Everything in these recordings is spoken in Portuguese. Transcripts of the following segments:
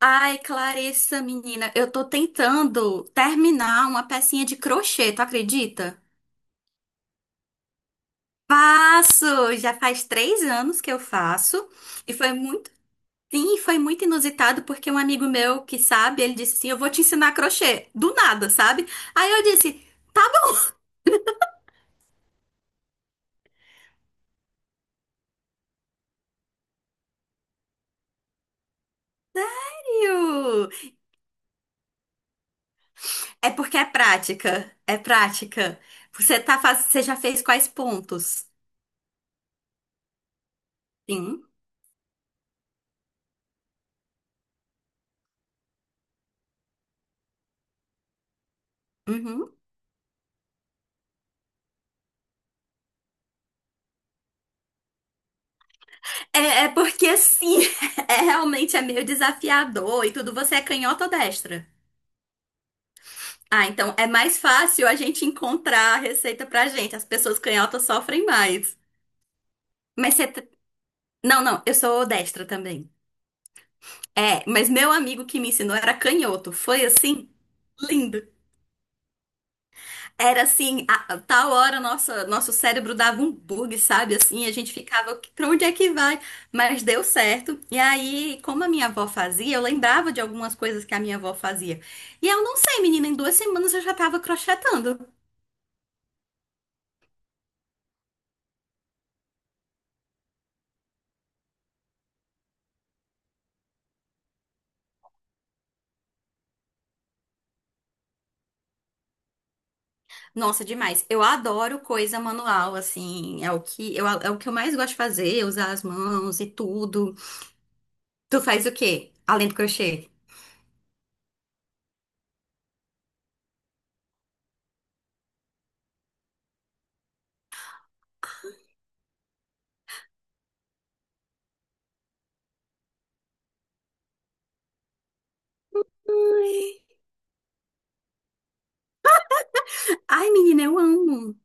Ai, Clarissa, menina, eu tô tentando terminar uma pecinha de crochê, tu acredita? Faço! Já faz 3 anos que eu faço e foi muito. Sim, foi muito inusitado porque um amigo meu que sabe, ele disse assim: Eu vou te ensinar crochê. Do nada, sabe? Aí eu disse: "Iu, é porque é prática. É prática. Você já fez quais pontos? Sim. Uhum. É porque assim, realmente é meio desafiador e tudo. Você é canhota ou destra? Ah, então é mais fácil a gente encontrar a receita pra gente. As pessoas canhotas sofrem mais. Mas você. Não, não, eu sou destra também. É, mas meu amigo que me ensinou era canhoto. Foi assim? Lindo. Era assim, a tal hora nossa, nosso cérebro dava um bug, sabe? Assim, a gente ficava, pra onde é que vai? Mas deu certo. E aí, como a minha avó fazia, eu lembrava de algumas coisas que a minha avó fazia. E eu não sei, menina, em 2 semanas eu já tava crochetando. Nossa, demais. Eu adoro coisa manual, assim, é o que eu, é o que eu mais gosto de fazer, usar as mãos e tudo. Tu faz o quê? Além do crochê? Ai, Ai, menina, eu amo.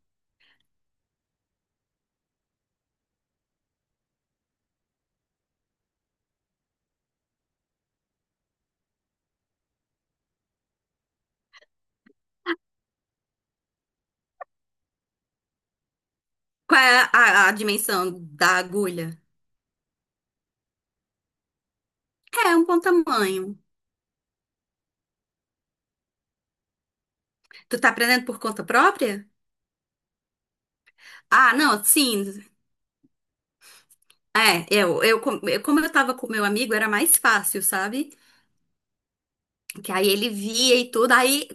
Qual é a dimensão da agulha? É um bom tamanho. Tu tá aprendendo por conta própria? Ah, não, sim. É, eu, com- eu- como eu tava com meu amigo, era mais fácil, sabe? Que aí ele via e tudo. Aí,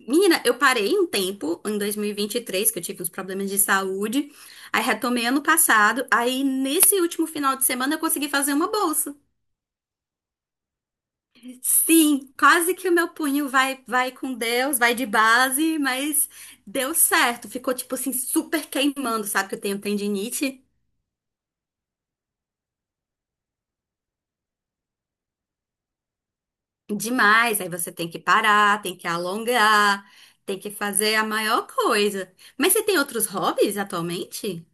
menina, eu parei um tempo, em dois mil e vinte e três, que eu tive uns problemas de saúde. Aí retomei ano passado. Aí, nesse último final de semana, eu consegui fazer uma bolsa. Sim, quase que o meu punho vai, vai com Deus, vai de base, mas deu certo. Ficou, tipo assim, super queimando, sabe? Que eu tenho tendinite. Demais, aí você tem que parar, tem que alongar, tem que fazer a maior coisa. Mas você tem outros hobbies atualmente?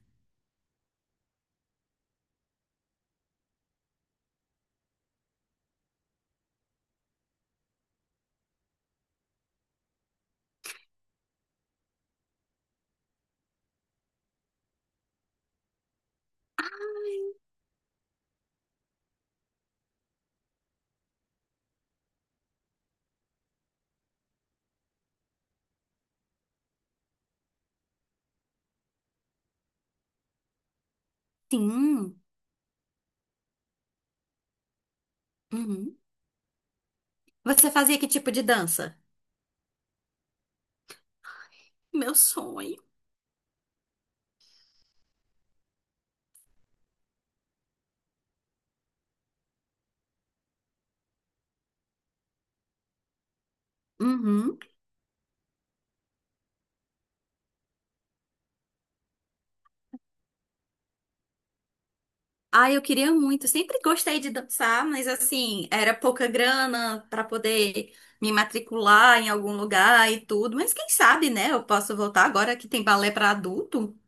Sim. Uhum. Você fazia que tipo de dança? Meu sonho. Uhum. Ah, eu queria muito. Sempre gostei de dançar, mas assim, era pouca grana para poder me matricular em algum lugar e tudo. Mas quem sabe, né? Eu posso voltar agora que tem balé para adulto.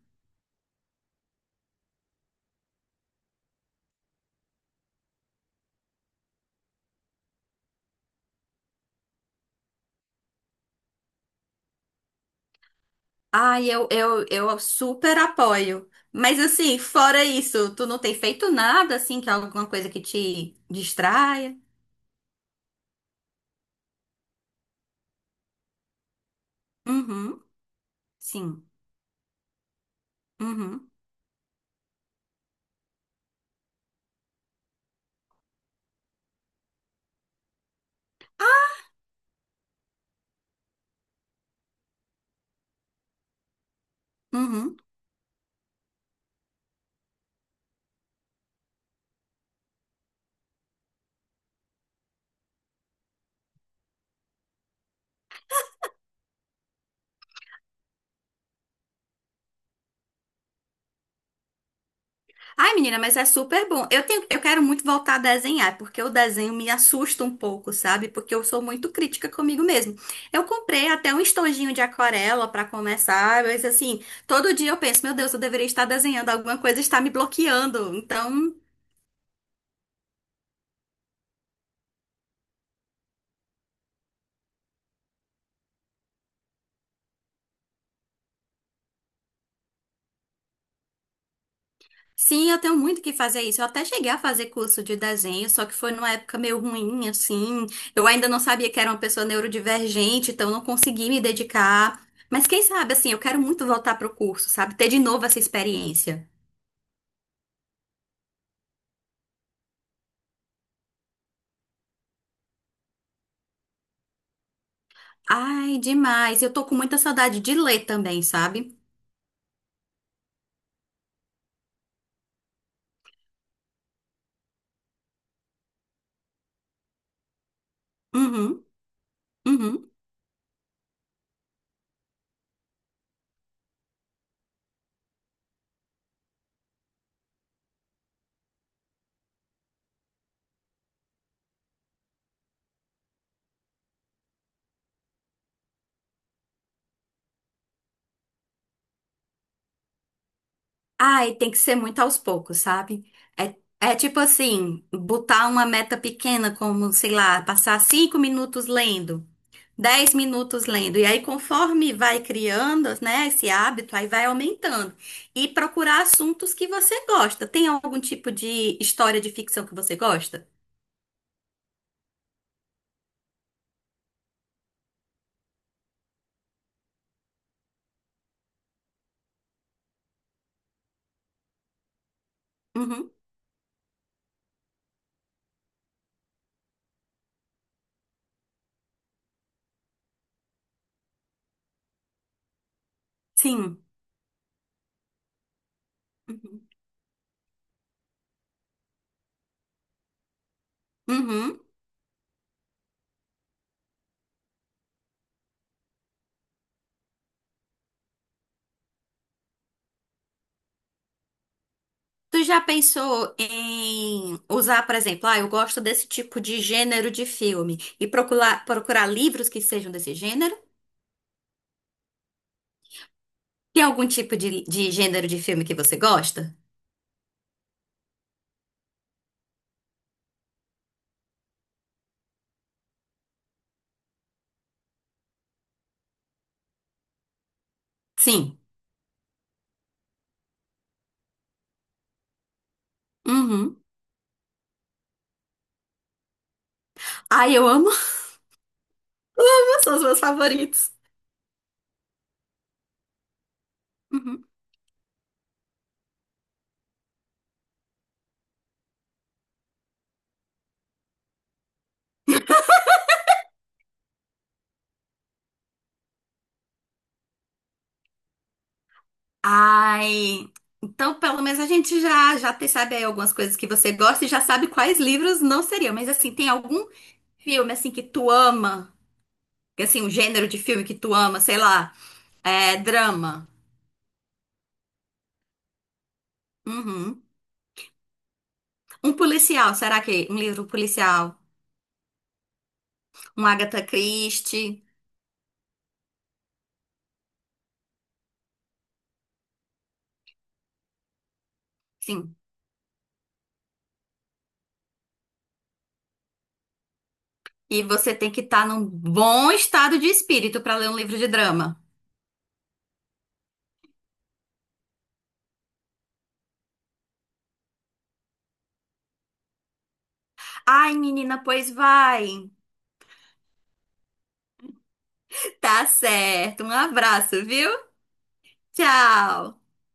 Ai, eu super apoio. Mas assim, fora isso, tu não tem feito nada assim, que é alguma coisa que te distraia? Uhum, sim. Uhum, uhum. Ai, menina, mas é super bom. Eu tenho, eu quero muito voltar a desenhar, porque o desenho me assusta um pouco, sabe? Porque eu sou muito crítica comigo mesmo. Eu comprei até um estojinho de aquarela pra começar, mas assim, todo dia eu penso, meu Deus, eu deveria estar desenhando alguma coisa, está me bloqueando. Então, sim, eu tenho muito que fazer isso. Eu até cheguei a fazer curso de desenho, só que foi numa época meio ruim, assim. Eu ainda não sabia que era uma pessoa neurodivergente, então não consegui me dedicar. Mas quem sabe, assim, eu quero muito voltar pro curso, sabe? Ter de novo essa experiência. Ai, demais. Eu tô com muita saudade de ler também, sabe? Uhum, uhum. Ai, tem que ser muito aos poucos, sabe? É, é tipo assim, botar uma meta pequena, como, sei lá, passar 5 minutos lendo. 10 minutos lendo. E aí, conforme vai criando, né, esse hábito, aí vai aumentando. E procurar assuntos que você gosta. Tem algum tipo de história de ficção que você gosta? Uhum. Sim. Uhum. Uhum. Tu já pensou em usar, por exemplo, ah, eu gosto desse tipo de gênero de filme, e procurar livros que sejam desse gênero? Tem algum tipo de gênero de filme que você gosta? Sim. Uhum. Ai, eu amo, são os meus favoritos. Uhum. Ai, então pelo menos a gente já já sabe aí algumas coisas que você gosta e já sabe quais livros não seriam. Mas assim, tem algum filme assim que tu ama? Que, assim, um gênero de filme que tu ama, sei lá, é drama. Uhum. Um policial, será que um livro policial? Um Agatha Christie? Sim. E você tem que estar num bom estado de espírito para ler um livro de drama. Ai, menina, pois vai. Tá certo. Um abraço, viu? Tchau.